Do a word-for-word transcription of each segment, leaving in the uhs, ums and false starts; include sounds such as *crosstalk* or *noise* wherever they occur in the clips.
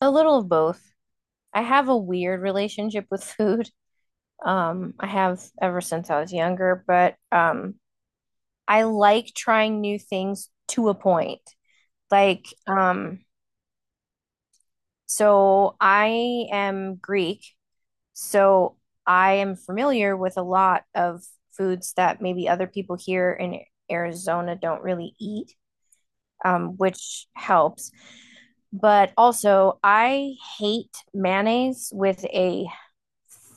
A little of both. I have a weird relationship with *laughs* food. Um, I have ever since I was younger, but um, I like trying new things to a point. Like, um, so I am Greek, so I am familiar with a lot of foods that maybe other people here in Arizona don't really eat, um, which helps. But also, I hate mayonnaise with a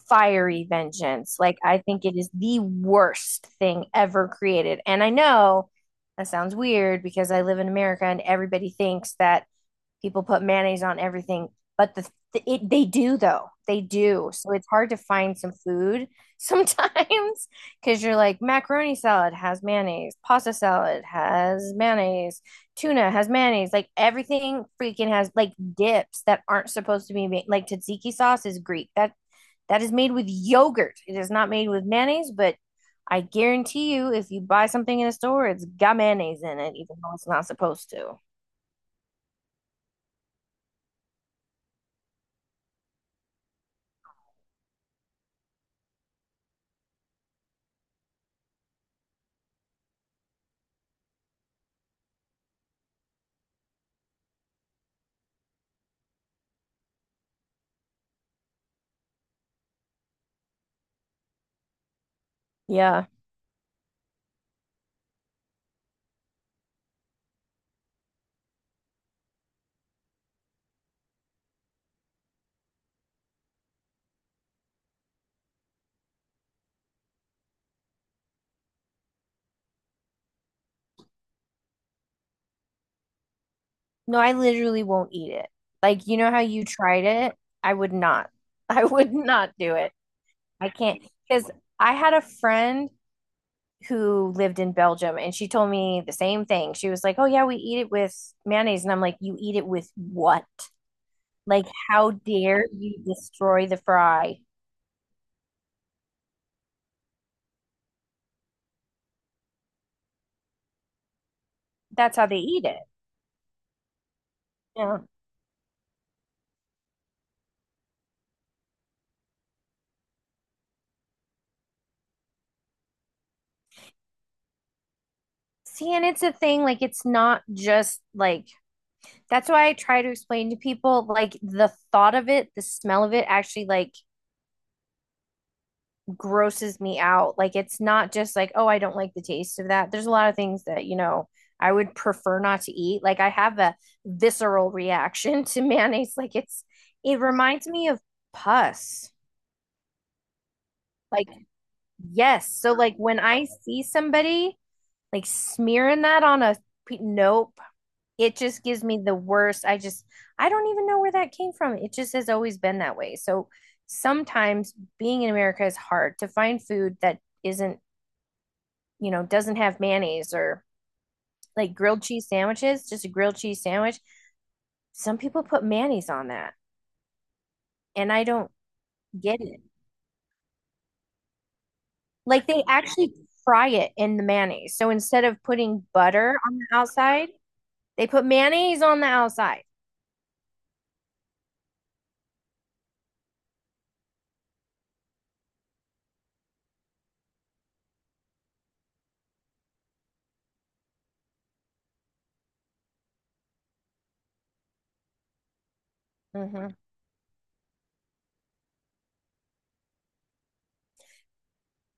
fiery vengeance. Like, I think it is the worst thing ever created. And I know that sounds weird because I live in America and everybody thinks that people put mayonnaise on everything but the it, they do, though, they do, so it's hard to find some food *laughs* sometimes because you're like macaroni salad has mayonnaise, pasta salad has mayonnaise, tuna has mayonnaise, like everything freaking has, like dips that aren't supposed to be made, like tzatziki sauce is Greek, that that is made with yogurt, it is not made with mayonnaise. But I guarantee you if you buy something in a store, it's got mayonnaise in it even though it's not supposed to. Yeah. No, I literally won't eat it. Like, you know how you tried it? I would not. *laughs* I would not do it. I can't because I had a friend who lived in Belgium and she told me the same thing. She was like, "Oh yeah, we eat it with mayonnaise." And I'm like, "You eat it with what? Like, how dare you destroy the fry?" That's how they eat it. Yeah. See, and it's a thing, like it's not just like that's why I try to explain to people, like the thought of it, the smell of it actually like grosses me out. Like it's not just like, oh, I don't like the taste of that. There's a lot of things that, you know, I would prefer not to eat. Like I have a visceral reaction *laughs* to mayonnaise. Like it's, it reminds me of pus. Like yes. So like when I see somebody like smearing that on a pe- nope, it just gives me the worst. I just, I don't even know where that came from. It just has always been that way. So sometimes being in America is hard to find food that isn't, you know, doesn't have mayonnaise, or like grilled cheese sandwiches, just a grilled cheese sandwich. Some people put mayonnaise on that, and I don't get it. Like they actually fry it in the mayonnaise. So instead of putting butter on the outside, they put mayonnaise on the outside. Hmm.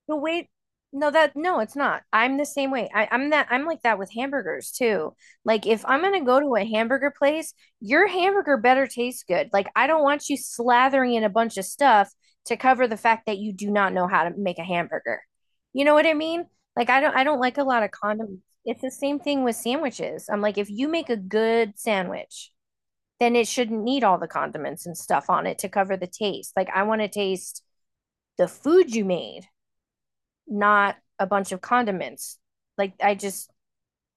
The wait, no, that, no, it's not. I'm the same way. I, I'm that I'm like that with hamburgers too. Like if I'm gonna go to a hamburger place, your hamburger better taste good. Like I don't want you slathering in a bunch of stuff to cover the fact that you do not know how to make a hamburger. You know what I mean? Like I don't I don't like a lot of condiments. It's the same thing with sandwiches. I'm like, if you make a good sandwich, then it shouldn't need all the condiments and stuff on it to cover the taste. Like I want to taste the food you made, not a bunch of condiments. Like I just,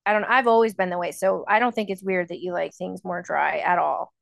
I don't I've always been that way. So I don't think it's weird that you like things more dry at all.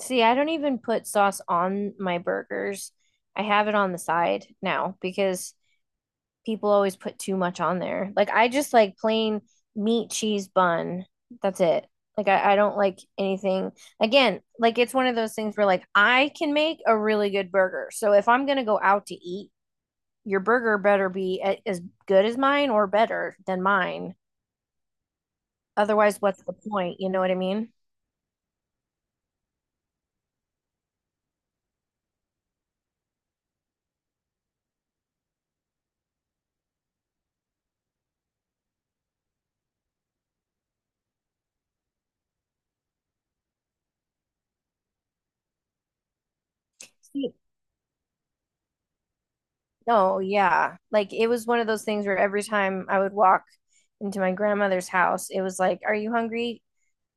See, I don't even put sauce on my burgers. I have it on the side now because people always put too much on there. Like I just like plain meat, cheese, bun. That's it. Like I, I don't like anything. Again, like it's one of those things where like I can make a really good burger. So if I'm gonna go out to eat, your burger better be a- as good as mine or better than mine. Otherwise, what's the point? You know what I mean? See. No, yeah. Like it was one of those things where every time I would walk into my grandmother's house, it was like, are you hungry?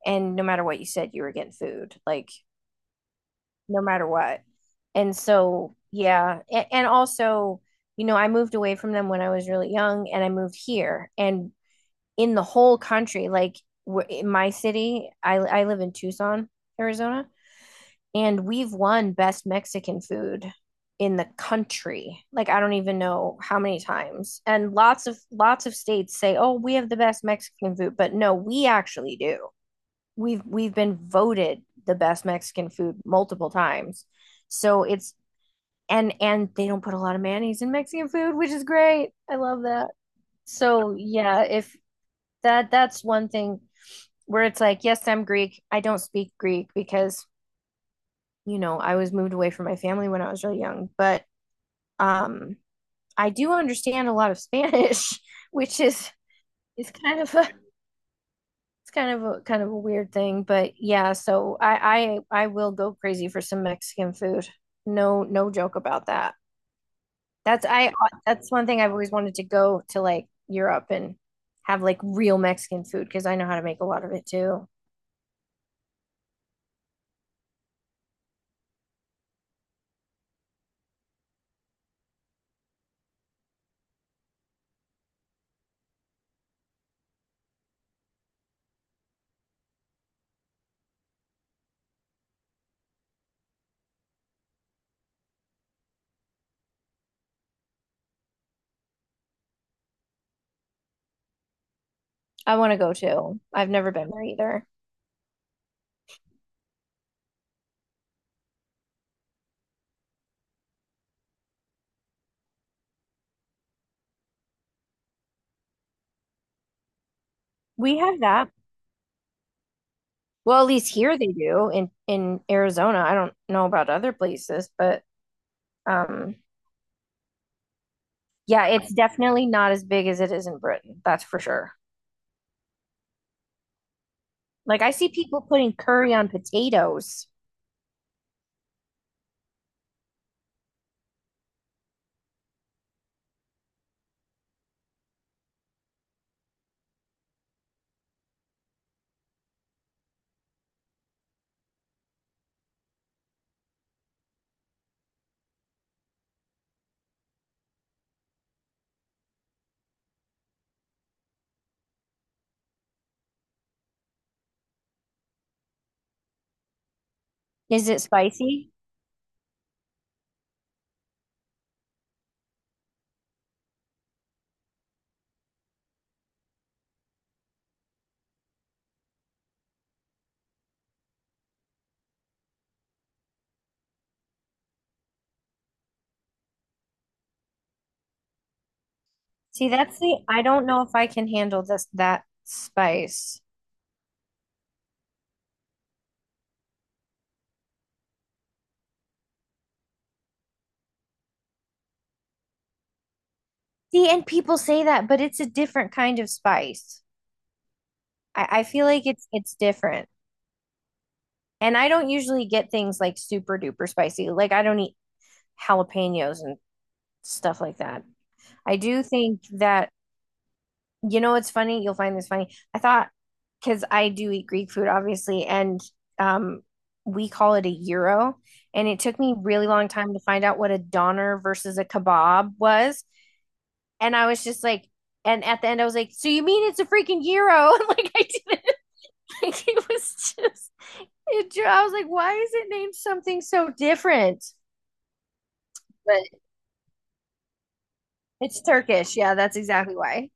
And no matter what you said, you were getting food, like no matter what. And so, yeah. And, and also, you know, I moved away from them when I was really young and I moved here. And in the whole country, like w- in my city, I, I live in Tucson, Arizona, and we've won best Mexican food in the country. Like I don't even know how many times. And lots of lots of states say, "Oh, we have the best Mexican food," but no, we actually do. We've we've been voted the best Mexican food multiple times. So it's, and and they don't put a lot of mayonnaise in Mexican food, which is great. I love that. So yeah, if that that's one thing where it's like, yes, I'm Greek. I don't speak Greek because you know, I was moved away from my family when I was really young, but um, I do understand a lot of *laughs* Spanish, which is is kind of a, it's kind of a, kind of a weird thing. But yeah, so I I I will go crazy for some Mexican food. No no joke about that. That's I that's one thing I've always wanted to go to like Europe and have like real Mexican food because I know how to make a lot of it too. I want to go too. I've never been there either. We have that. Well, at least here they do in in Arizona. I don't know about other places, but um, yeah, it's definitely not as big as it is in Britain. That's for sure. Like I see people putting curry on potatoes. Is it spicy? See, that's the, I don't know if I can handle this that spice. See, and people say that, but it's a different kind of spice. I, I feel like it's it's different. And I don't usually get things like super duper spicy. Like I don't eat jalapenos and stuff like that. I do think that, you know, it's funny. You'll find this funny. I thought, because I do eat Greek food, obviously, and um, we call it a gyro. And it took me really long time to find out what a doner versus a kebab was. And I was just like, and at the end, I was like, so you mean it's a freaking gyro? *laughs* Like, I didn't, *laughs* like, it was just, it, I was like, why is it named something so different? But it's Turkish. Yeah, that's exactly why.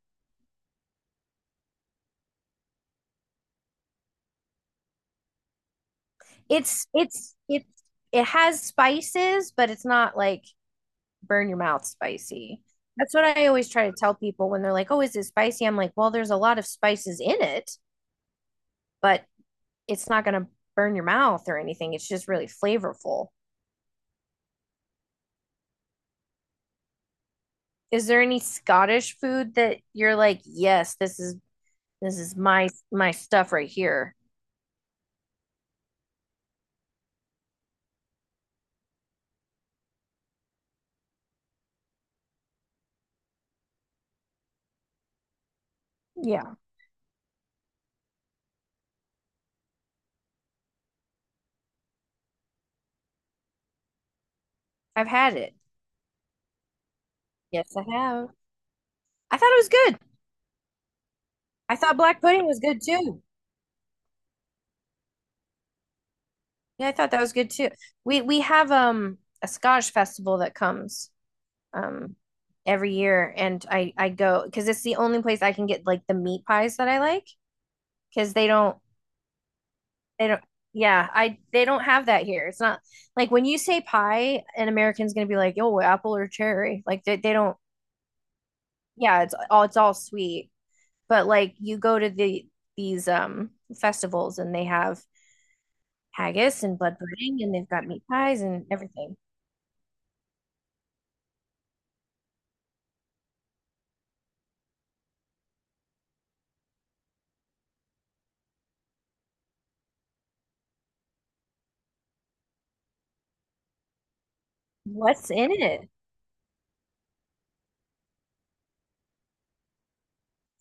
It's it's it's it has spices, but it's not like burn your mouth spicy. That's what I always try to tell people when they're like, "Oh, is it spicy?" I'm like, "Well, there's a lot of spices in it, but it's not going to burn your mouth or anything. It's just really flavorful." Is there any Scottish food that you're like, "Yes, this is, this is my my stuff right here." Yeah, I've had it. Yes, I have. I thought it was good. I thought black pudding was good too. Yeah, I thought that was good too. We we have um, a Scottish festival that comes um, every year and I I go because it's the only place I can get like the meat pies that I like because they don't they don't yeah, I, they don't have that here. It's not like when you say pie, an American's gonna be like, "Oh, apple or cherry." Like they they don't, yeah, it's all, it's all sweet. But like you go to the, these um, festivals and they have haggis and blood pudding and they've got meat pies and everything. What's in it?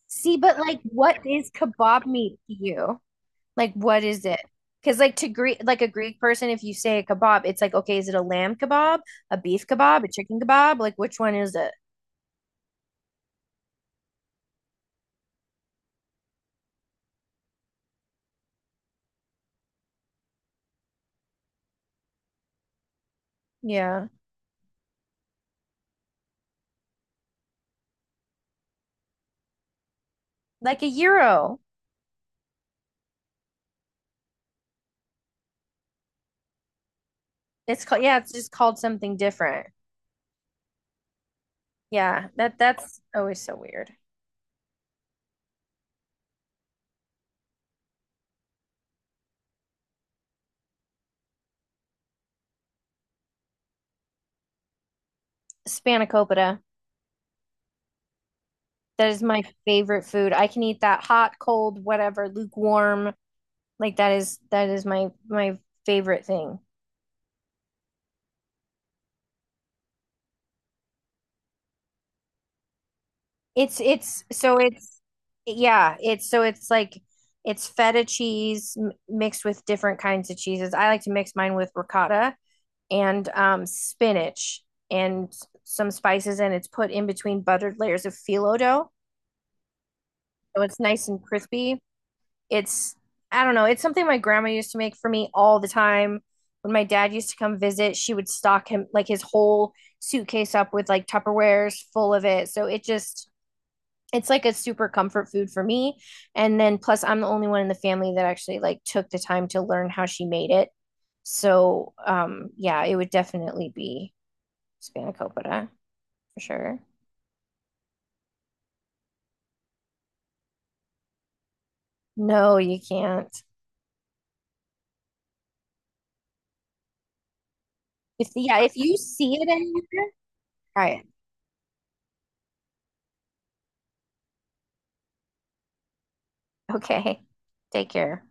See, but like, what is kebab meat to you? Like, what is it? Because like to Greek, like a Greek person, if you say a kebab, it's like, okay, is it a lamb kebab, a beef kebab, a chicken kebab? Like, which one is it? Yeah, like a gyro. It's called, yeah, it's just called something different. Yeah, that that's always so weird. Spanakopita. That is my favorite food. I can eat that hot, cold, whatever, lukewarm. Like that is, that is my my favorite thing. It's it's so it's yeah, it's so it's like it's feta cheese m- mixed with different kinds of cheeses. I like to mix mine with ricotta and um, spinach and some spices and it's put in between buttered layers of phyllo dough. So it's nice and crispy. It's, I don't know, it's something my grandma used to make for me all the time. When my dad used to come visit, she would stock him like his whole suitcase up with like Tupperwares full of it. So it just, it's like a super comfort food for me. And then plus I'm the only one in the family that actually like took the time to learn how she made it. So um, yeah, it would definitely be spanakopita for sure. No, you can't. If yeah, if you see it anywhere, try it. Okay. Take care.